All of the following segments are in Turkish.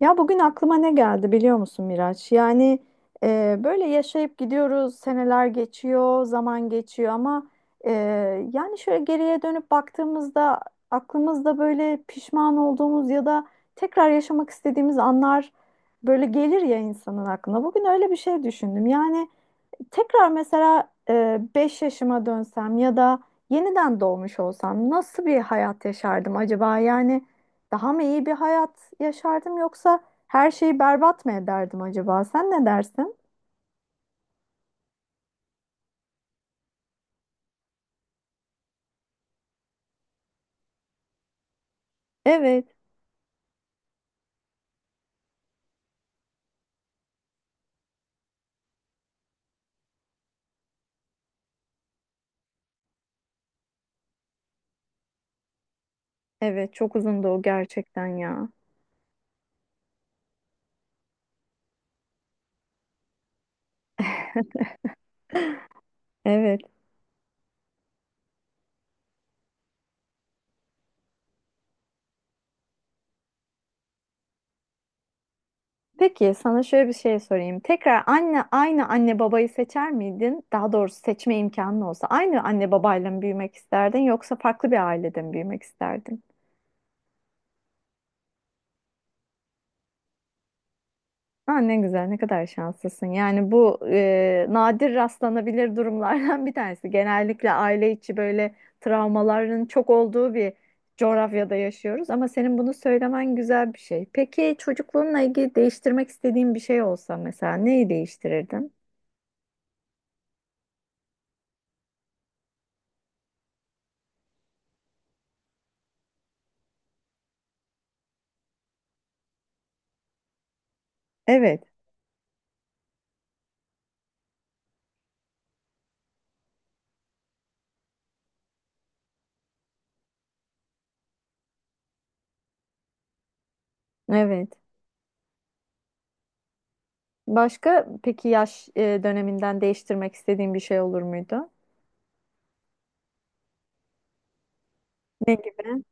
Ya bugün aklıma ne geldi biliyor musun Miraç? Yani böyle yaşayıp gidiyoruz, seneler geçiyor, zaman geçiyor ama e, yani şöyle geriye dönüp baktığımızda aklımızda böyle pişman olduğumuz ya da tekrar yaşamak istediğimiz anlar böyle gelir ya insanın aklına. Bugün öyle bir şey düşündüm. Yani tekrar mesela 5 yaşıma dönsem ya da yeniden doğmuş olsam nasıl bir hayat yaşardım acaba? Yani daha mı iyi bir hayat yaşardım yoksa her şeyi berbat mı ederdim acaba? Sen ne dersin? Evet, evet çok uzundu o gerçekten ya. Evet. Peki sana şöyle bir şey sorayım. Tekrar anne aynı anne babayı seçer miydin? Daha doğrusu seçme imkanın olsa aynı anne babayla mı büyümek isterdin yoksa farklı bir ailede mi büyümek isterdin? Aa, ne güzel, ne kadar şanslısın. Yani bu nadir rastlanabilir durumlardan bir tanesi. Genellikle aile içi böyle travmaların çok olduğu bir coğrafyada yaşıyoruz. Ama senin bunu söylemen güzel bir şey. Peki çocukluğunla ilgili değiştirmek istediğin bir şey olsa mesela neyi değiştirirdin? Evet. Evet. Başka peki yaş döneminden değiştirmek istediğin bir şey olur muydu? Ne gibi?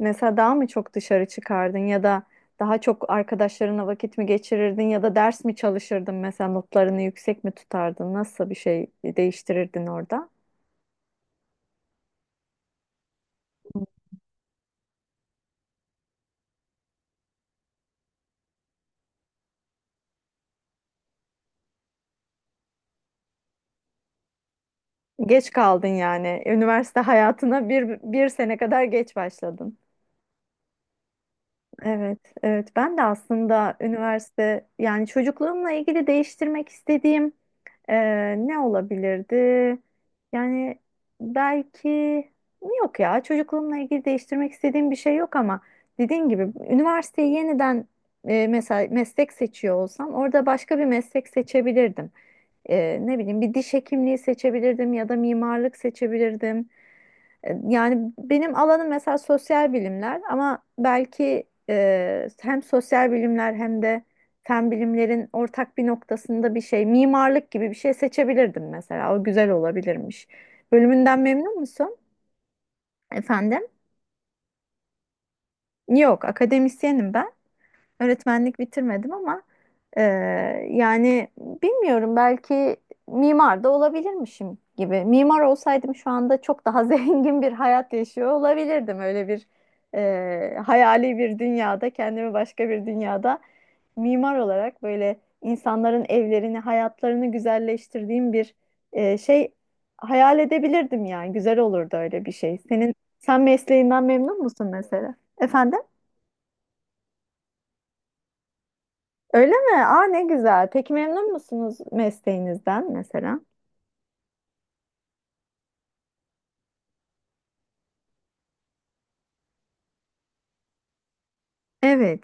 Mesela daha mı çok dışarı çıkardın ya da daha çok arkadaşlarına vakit mi geçirirdin ya da ders mi çalışırdın mesela notlarını yüksek mi tutardın? Nasıl bir şey değiştirirdin orada? Geç kaldın yani. Üniversite hayatına bir sene kadar geç başladın. Evet, evet. Ben de aslında üniversite yani çocukluğumla ilgili değiştirmek istediğim. Ne olabilirdi? Yani belki yok ya çocukluğumla ilgili değiştirmek istediğim bir şey yok ama dediğin gibi üniversiteyi yeniden mesela meslek seçiyor olsam orada başka bir meslek seçebilirdim. Ne bileyim bir diş hekimliği seçebilirdim ya da mimarlık seçebilirdim. E, yani benim alanım mesela sosyal bilimler ama belki hem sosyal bilimler hem de fen bilimlerin ortak bir noktasında bir şey, mimarlık gibi bir şey seçebilirdim mesela. O güzel olabilirmiş. Bölümünden memnun musun? Efendim? Yok, akademisyenim ben. Öğretmenlik bitirmedim ama e, yani bilmiyorum belki mimar da olabilirmişim gibi. Mimar olsaydım şu anda çok daha zengin bir hayat yaşıyor olabilirdim. Öyle bir hayali bir dünyada kendimi başka bir dünyada mimar olarak böyle insanların evlerini, hayatlarını güzelleştirdiğim bir şey hayal edebilirdim yani. Güzel olurdu öyle bir şey. Senin sen mesleğinden memnun musun mesela? Efendim? Öyle mi? Aa ne güzel. Peki memnun musunuz mesleğinizden mesela? Evet.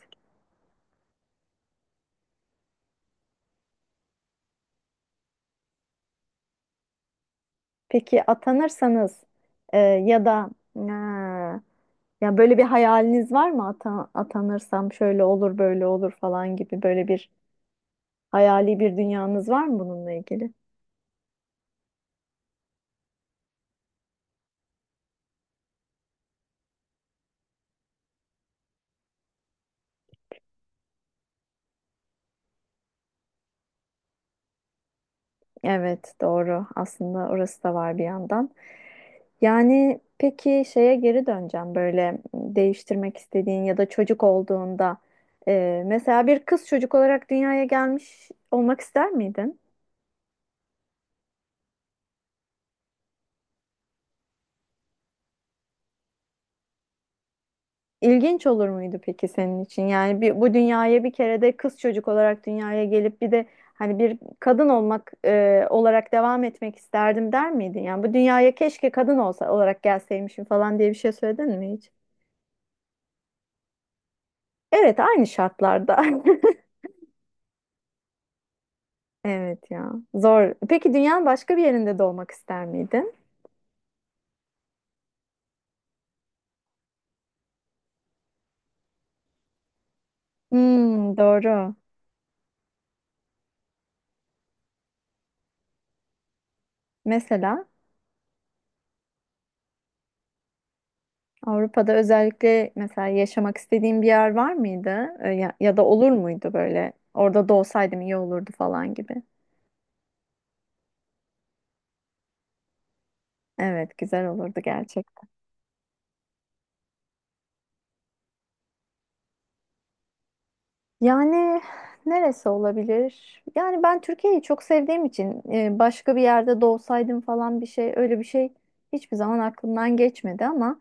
Peki atanırsanız ya da ya böyle bir hayaliniz var mı? Atanırsam şöyle olur, böyle olur falan gibi böyle bir hayali bir dünyanız var mı bununla ilgili? Evet, doğru. Aslında orası da var bir yandan. Yani peki şeye geri döneceğim böyle değiştirmek istediğin ya da çocuk olduğunda. Mesela bir kız çocuk olarak dünyaya gelmiş olmak ister miydin? İlginç olur muydu peki senin için? Yani bu dünyaya bir kere de kız çocuk olarak dünyaya gelip bir de hani bir kadın olmak olarak devam etmek isterdim der miydin? Yani bu dünyaya keşke kadın olsa olarak gelseymişim falan diye bir şey söyledin mi hiç? Evet, aynı şartlarda. Evet ya. Zor. Peki dünyanın başka bir yerinde doğmak ister miydin? Hmm, doğru. Mesela Avrupa'da özellikle mesela yaşamak istediğin bir yer var mıydı? Ya, ya da olur muydu böyle? Orada doğsaydım iyi olurdu falan gibi. Evet, güzel olurdu. Yani neresi olabilir? Yani ben Türkiye'yi çok sevdiğim için başka bir yerde doğsaydım falan bir şey öyle bir şey hiçbir zaman aklımdan geçmedi ama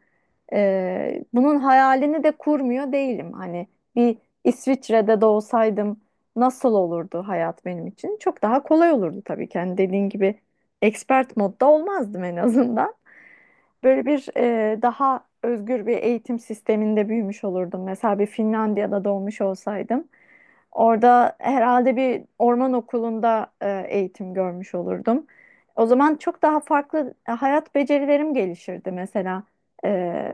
bunun hayalini de kurmuyor değilim. Hani bir İsviçre'de doğsaydım nasıl olurdu hayat benim için? Çok daha kolay olurdu tabii ki. Hani dediğin gibi expert modda olmazdım en azından. Böyle bir daha özgür bir eğitim sisteminde büyümüş olurdum. Mesela bir Finlandiya'da doğmuş olsaydım. Orada herhalde bir orman okulunda eğitim görmüş olurdum. O zaman çok daha farklı hayat becerilerim gelişirdi mesela. E,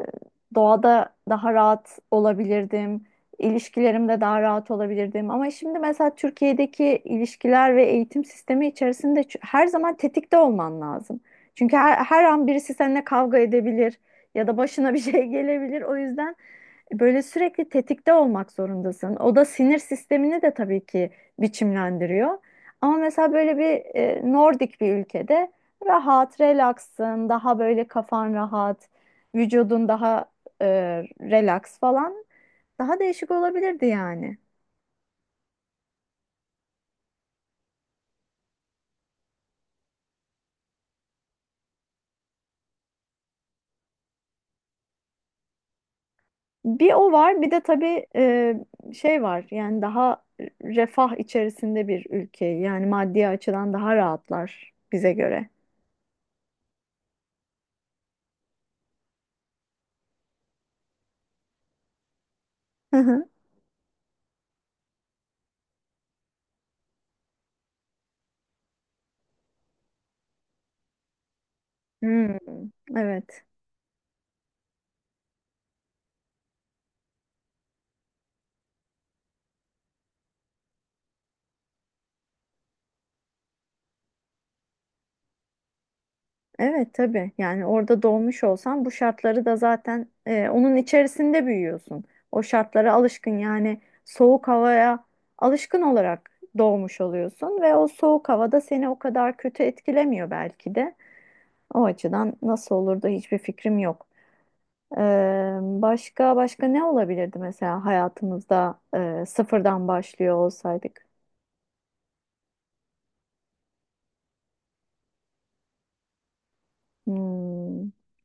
doğada daha rahat olabilirdim. İlişkilerimde daha rahat olabilirdim. Ama şimdi mesela Türkiye'deki ilişkiler ve eğitim sistemi içerisinde her zaman tetikte olman lazım. Çünkü her an birisi seninle kavga edebilir ya da başına bir şey gelebilir. O yüzden böyle sürekli tetikte olmak zorundasın. O da sinir sistemini de tabii ki biçimlendiriyor. Ama mesela böyle bir Nordik bir ülkede rahat, relaksın, daha böyle kafan rahat, vücudun daha e, relax falan daha değişik olabilirdi yani. Bir o var, bir de tabii şey var. Yani daha refah içerisinde bir ülke. Yani maddi açıdan daha rahatlar bize göre. Hı hı. Hmm, evet. Evet tabii. Yani orada doğmuş olsan bu şartları da zaten onun içerisinde büyüyorsun. O şartlara alışkın yani soğuk havaya alışkın olarak doğmuş oluyorsun ve o soğuk havada seni o kadar kötü etkilemiyor belki de. O açıdan nasıl olur da hiçbir fikrim yok. Başka başka ne olabilirdi mesela hayatımızda sıfırdan başlıyor olsaydık? Hmm,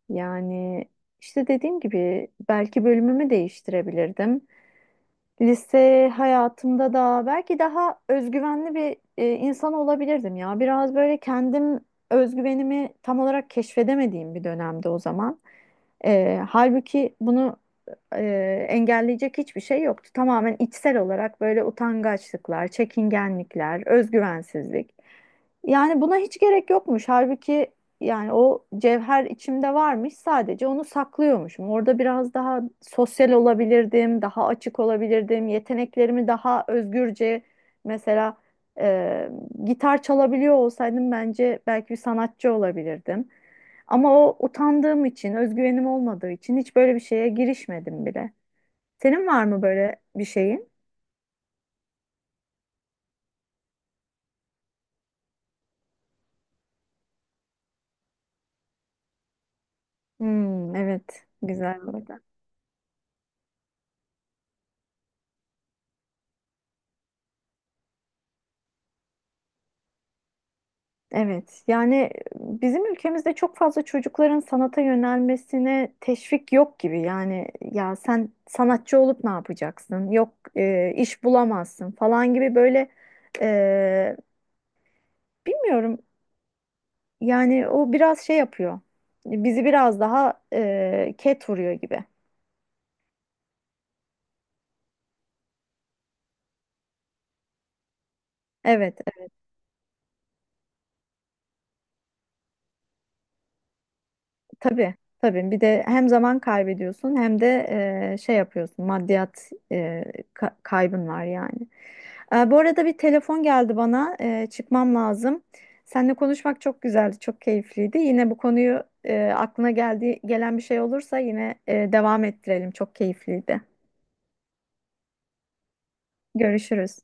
Yani işte dediğim gibi belki bölümümü değiştirebilirdim. Lise hayatımda da belki daha özgüvenli bir insan olabilirdim ya. Biraz böyle kendim özgüvenimi tam olarak keşfedemediğim bir dönemde o zaman. E, halbuki bunu engelleyecek hiçbir şey yoktu. Tamamen içsel olarak böyle utangaçlıklar, çekingenlikler, özgüvensizlik. Yani buna hiç gerek yokmuş. Halbuki yani o cevher içimde varmış, sadece onu saklıyormuşum. Orada biraz daha sosyal olabilirdim, daha açık olabilirdim, yeteneklerimi daha özgürce mesela e, gitar çalabiliyor olsaydım bence belki bir sanatçı olabilirdim. Ama o utandığım için, özgüvenim olmadığı için hiç böyle bir şeye girişmedim bile. Senin var mı böyle bir şeyin? Hmm, evet, güzel burada. Evet, yani bizim ülkemizde çok fazla çocukların sanata yönelmesine teşvik yok gibi. Yani ya sen sanatçı olup ne yapacaksın? Yok iş bulamazsın falan gibi böyle e, bilmiyorum. Yani o biraz şey yapıyor. Bizi biraz daha ket vuruyor gibi. Evet. Tabii, tabii. Bir de hem zaman kaybediyorsun hem de şey yapıyorsun. Maddiyat kaybın var yani. E, bu arada bir telefon geldi bana. E, çıkmam lazım. Seninle konuşmak çok güzeldi, çok keyifliydi. Yine bu konuyu aklına geldi, gelen bir şey olursa yine devam ettirelim. Çok keyifliydi. Görüşürüz.